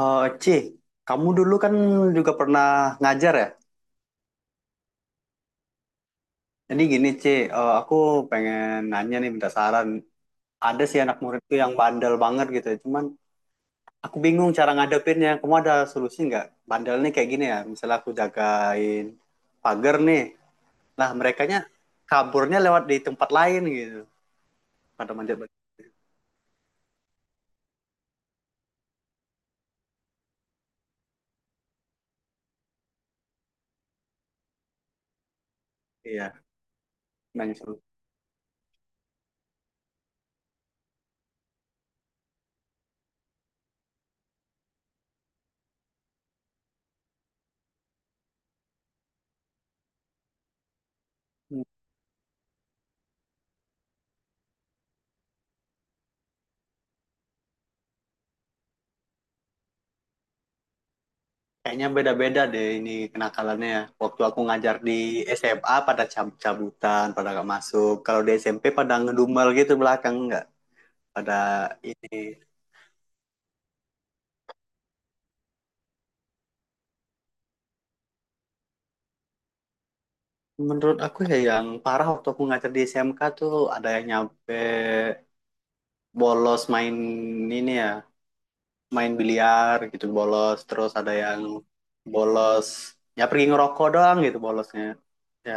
Eh, C, kamu dulu kan juga pernah ngajar ya? Jadi gini C, aku pengen nanya nih, minta saran. Ada sih anak muridku yang bandel banget gitu, ya. Cuman aku bingung cara ngadepinnya. Kamu ada solusi nggak? Bandel nih kayak gini ya. Misalnya aku jagain pagar nih. Nah, merekanya kaburnya lewat di tempat lain gitu. Pada manjat. Iya, nanya solusi. Kayaknya beda-beda deh ini kenakalannya, ya. Waktu aku ngajar di SMA pada cabut-cabutan, pada nggak masuk. Kalau di SMP pada ngedumel gitu belakang nggak. Pada ini. Menurut aku ya yang parah waktu aku ngajar di SMK tuh ada yang nyampe bolos main ini ya, main biliar gitu bolos. Terus ada yang bolos, ya pergi ngerokok doang gitu bolosnya. Ya,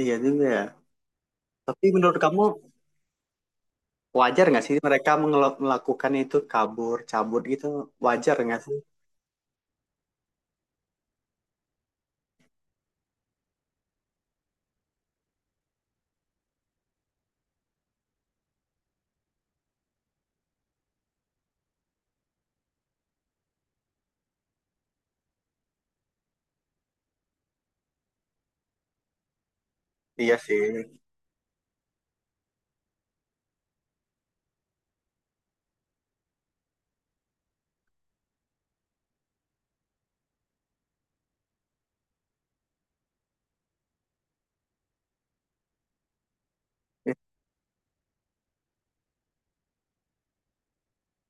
iya juga ya. Tapi menurut kamu, wajar nggak sih mereka melakukan itu, kabur, cabut gitu? Wajar nggak sih? Iya sih.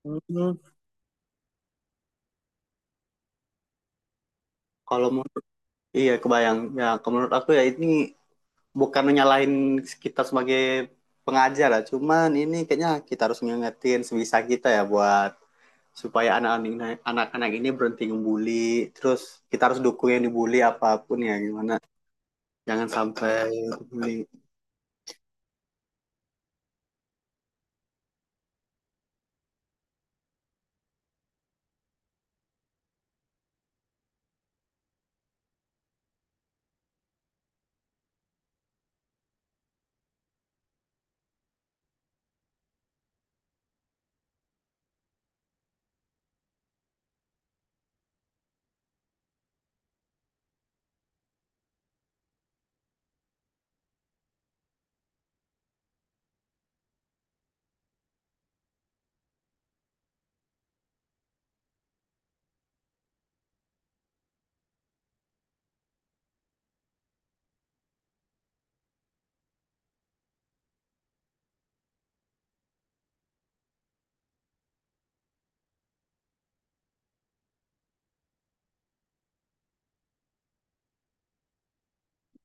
Hmm, Kalau mau, iya kebayang. Ya, kalau menurut aku ya ini bukan menyalahin kita sebagai pengajar lah. Cuman ini kayaknya kita harus ngingetin sebisa kita ya buat supaya anak-anak ini berhenti ngebully. Terus kita harus dukung yang dibully apapun ya gimana. Jangan sampai bully.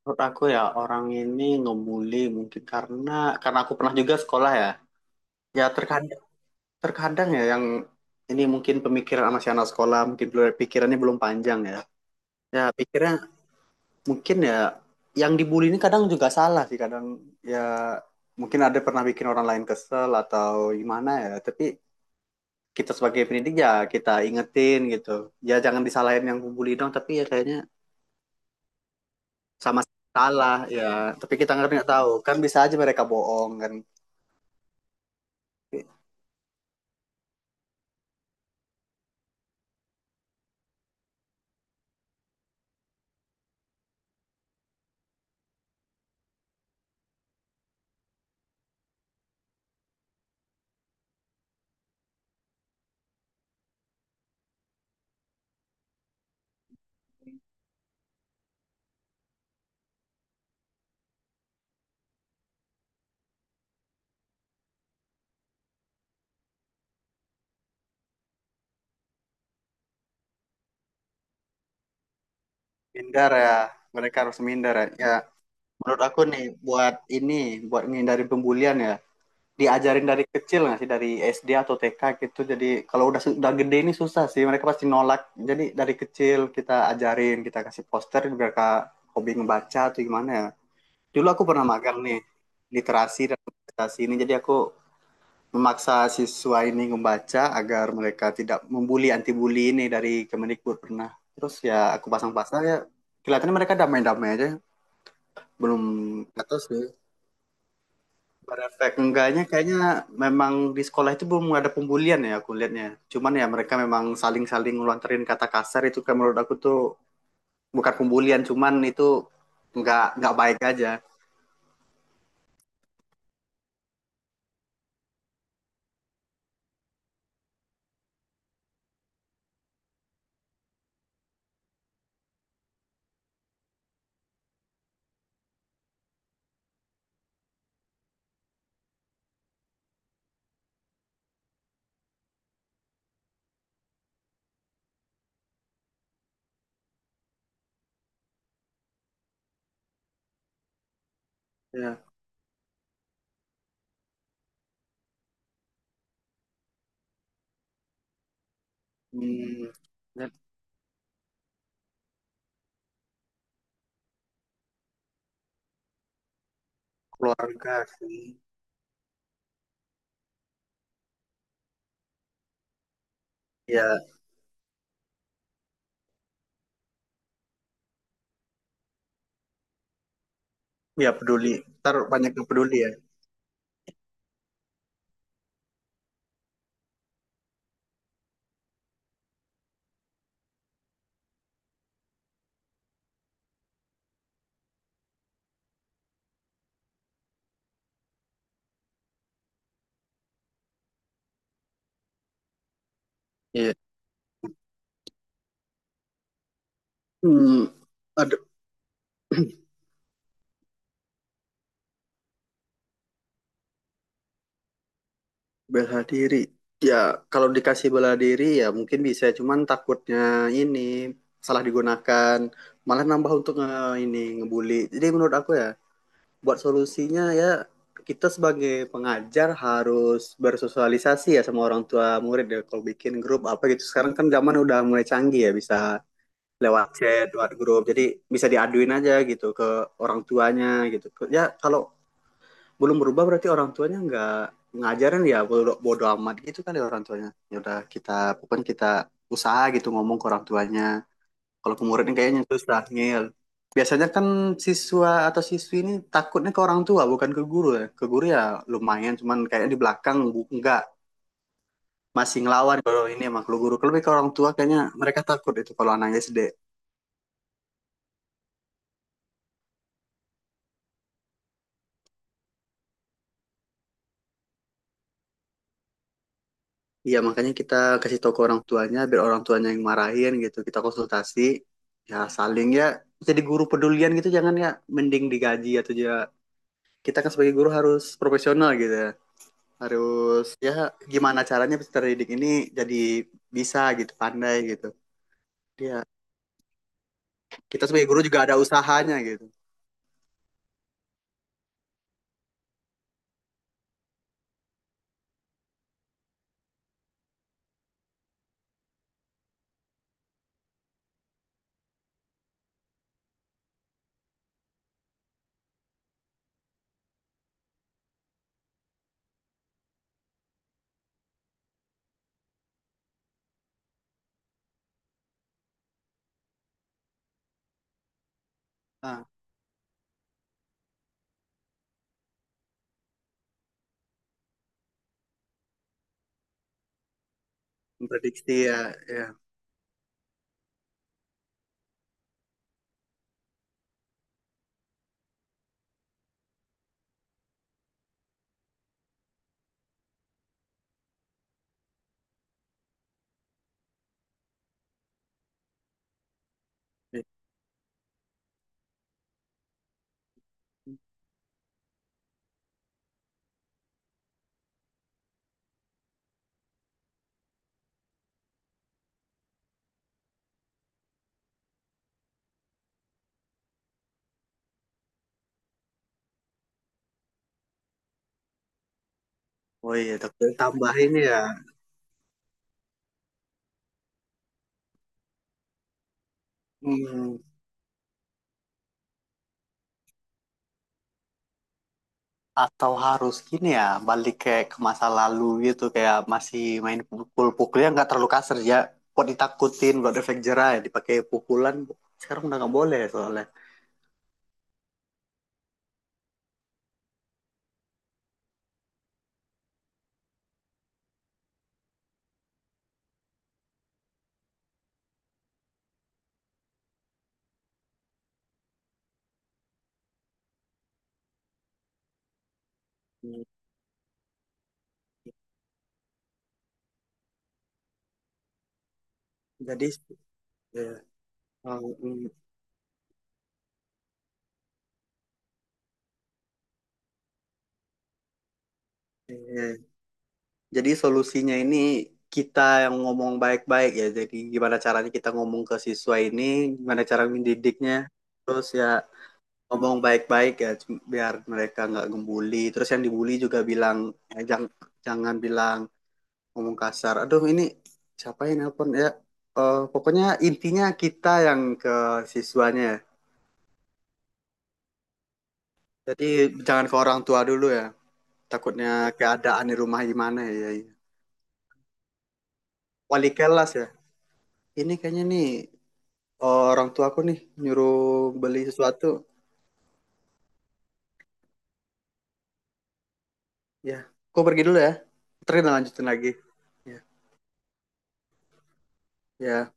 Menurut aku ya orang ini ngebully mungkin karena aku pernah juga sekolah ya. Ya terkadang terkadang ya yang ini mungkin pemikiran sama si anak sekolah mungkin pikirannya belum panjang ya. Ya pikirnya mungkin ya yang dibully ini kadang juga salah sih, kadang ya mungkin ada pernah bikin orang lain kesel atau gimana ya. Tapi kita sebagai pendidik ya kita ingetin gitu. Ya jangan disalahin yang pembuli dong, tapi ya kayaknya sama salah ya. Tapi kita nggak tahu kan, bisa aja mereka bohong kan. Minder ya, mereka harus minder ya. Ya, menurut aku nih, buat menghindari pembulian ya, diajarin dari kecil nggak sih dari SD atau TK gitu. Jadi kalau udah gede ini susah sih, mereka pasti nolak. Jadi dari kecil kita ajarin, kita kasih poster, mereka hobi ngebaca atau gimana ya. Dulu aku pernah magang nih, literasi dan literasi ini. Jadi aku memaksa siswa ini membaca agar mereka tidak membuli, anti bully ini dari Kemendikbud pernah. Terus ya aku pasang-pasang ya kelihatannya mereka damai-damai aja, belum atau sih. Berefek enggaknya kayaknya memang di sekolah itu belum ada pembulian ya, aku lihatnya. Cuman ya mereka memang saling-saling ngelontarin kata kasar, itu kan menurut aku tuh bukan pembulian, cuman itu enggak baik aja. Ya. Hmm, dan keluarga sih. Ya, ya peduli. Ntar banyak yang peduli ya. Iya. Hmm, Bela diri. Ya, kalau dikasih bela diri ya mungkin bisa, cuman takutnya ini salah digunakan, malah nambah untuk ngebully. Jadi menurut aku ya, buat solusinya ya kita sebagai pengajar harus bersosialisasi ya sama orang tua murid ya, kalau bikin grup apa gitu. Sekarang kan zaman udah mulai canggih ya, bisa lewat chat, lewat grup. Jadi bisa diaduin aja gitu ke orang tuanya gitu. Ya kalau belum berubah berarti orang tuanya nggak ngajarin, ya bodo, bodo amat gitu kali orang tuanya. Ya udah kita, bukan kita, usaha gitu ngomong ke orang tuanya. Kalau ke muridnya kayaknya susah, ngeyel. Biasanya kan siswa atau siswi ini takutnya ke orang tua bukan ke guru ya. Ke guru ya lumayan, cuman kayaknya di belakang bu, enggak, masih ngelawan kalau ini emang, kalau guru, kalau lebih ke orang tua kayaknya mereka takut itu, kalau anaknya SD. Iya, makanya kita kasih tahu ke orang tuanya biar orang tuanya yang marahin gitu. Kita konsultasi ya, saling ya, jadi guru pedulian gitu, jangan ya mending digaji atau ya, kita kan sebagai guru harus profesional gitu ya. Harus ya gimana caranya peserta didik ini jadi bisa gitu, pandai gitu. Ya, kita sebagai guru juga ada usahanya gitu. Nah, memprediksi ya, ya. Oh iya, tambahin ya. Hmm. Atau harus gini ya, balik kayak ke masa lalu gitu, kayak masih main pukul-pukulnya nggak terlalu kasar ya. Buat ditakutin, buat efek jerah ya, dipakai pukulan. Sekarang udah nggak boleh soalnya. Hmm. Jadi, ya, oh, mm, iya. Jadi solusinya ini kita yang ngomong baik-baik ya. Jadi gimana caranya kita ngomong ke siswa ini, gimana cara mendidiknya. Terus ya ngomong baik-baik ya, biar mereka nggak gembuli. Terus yang dibully juga bilang, ya, jangan bilang ngomong kasar. Aduh, ini siapa yang nelpon ya? Pokoknya intinya kita yang ke siswanya ya. Jadi jangan ke orang tua dulu ya. Takutnya keadaan di rumah gimana ya. Ya, ya. Wali kelas ya. Ini kayaknya nih, orang tua aku nih nyuruh beli sesuatu. Ya, aku pergi dulu ya. Ntar kita lanjutin lagi. Ya, ya.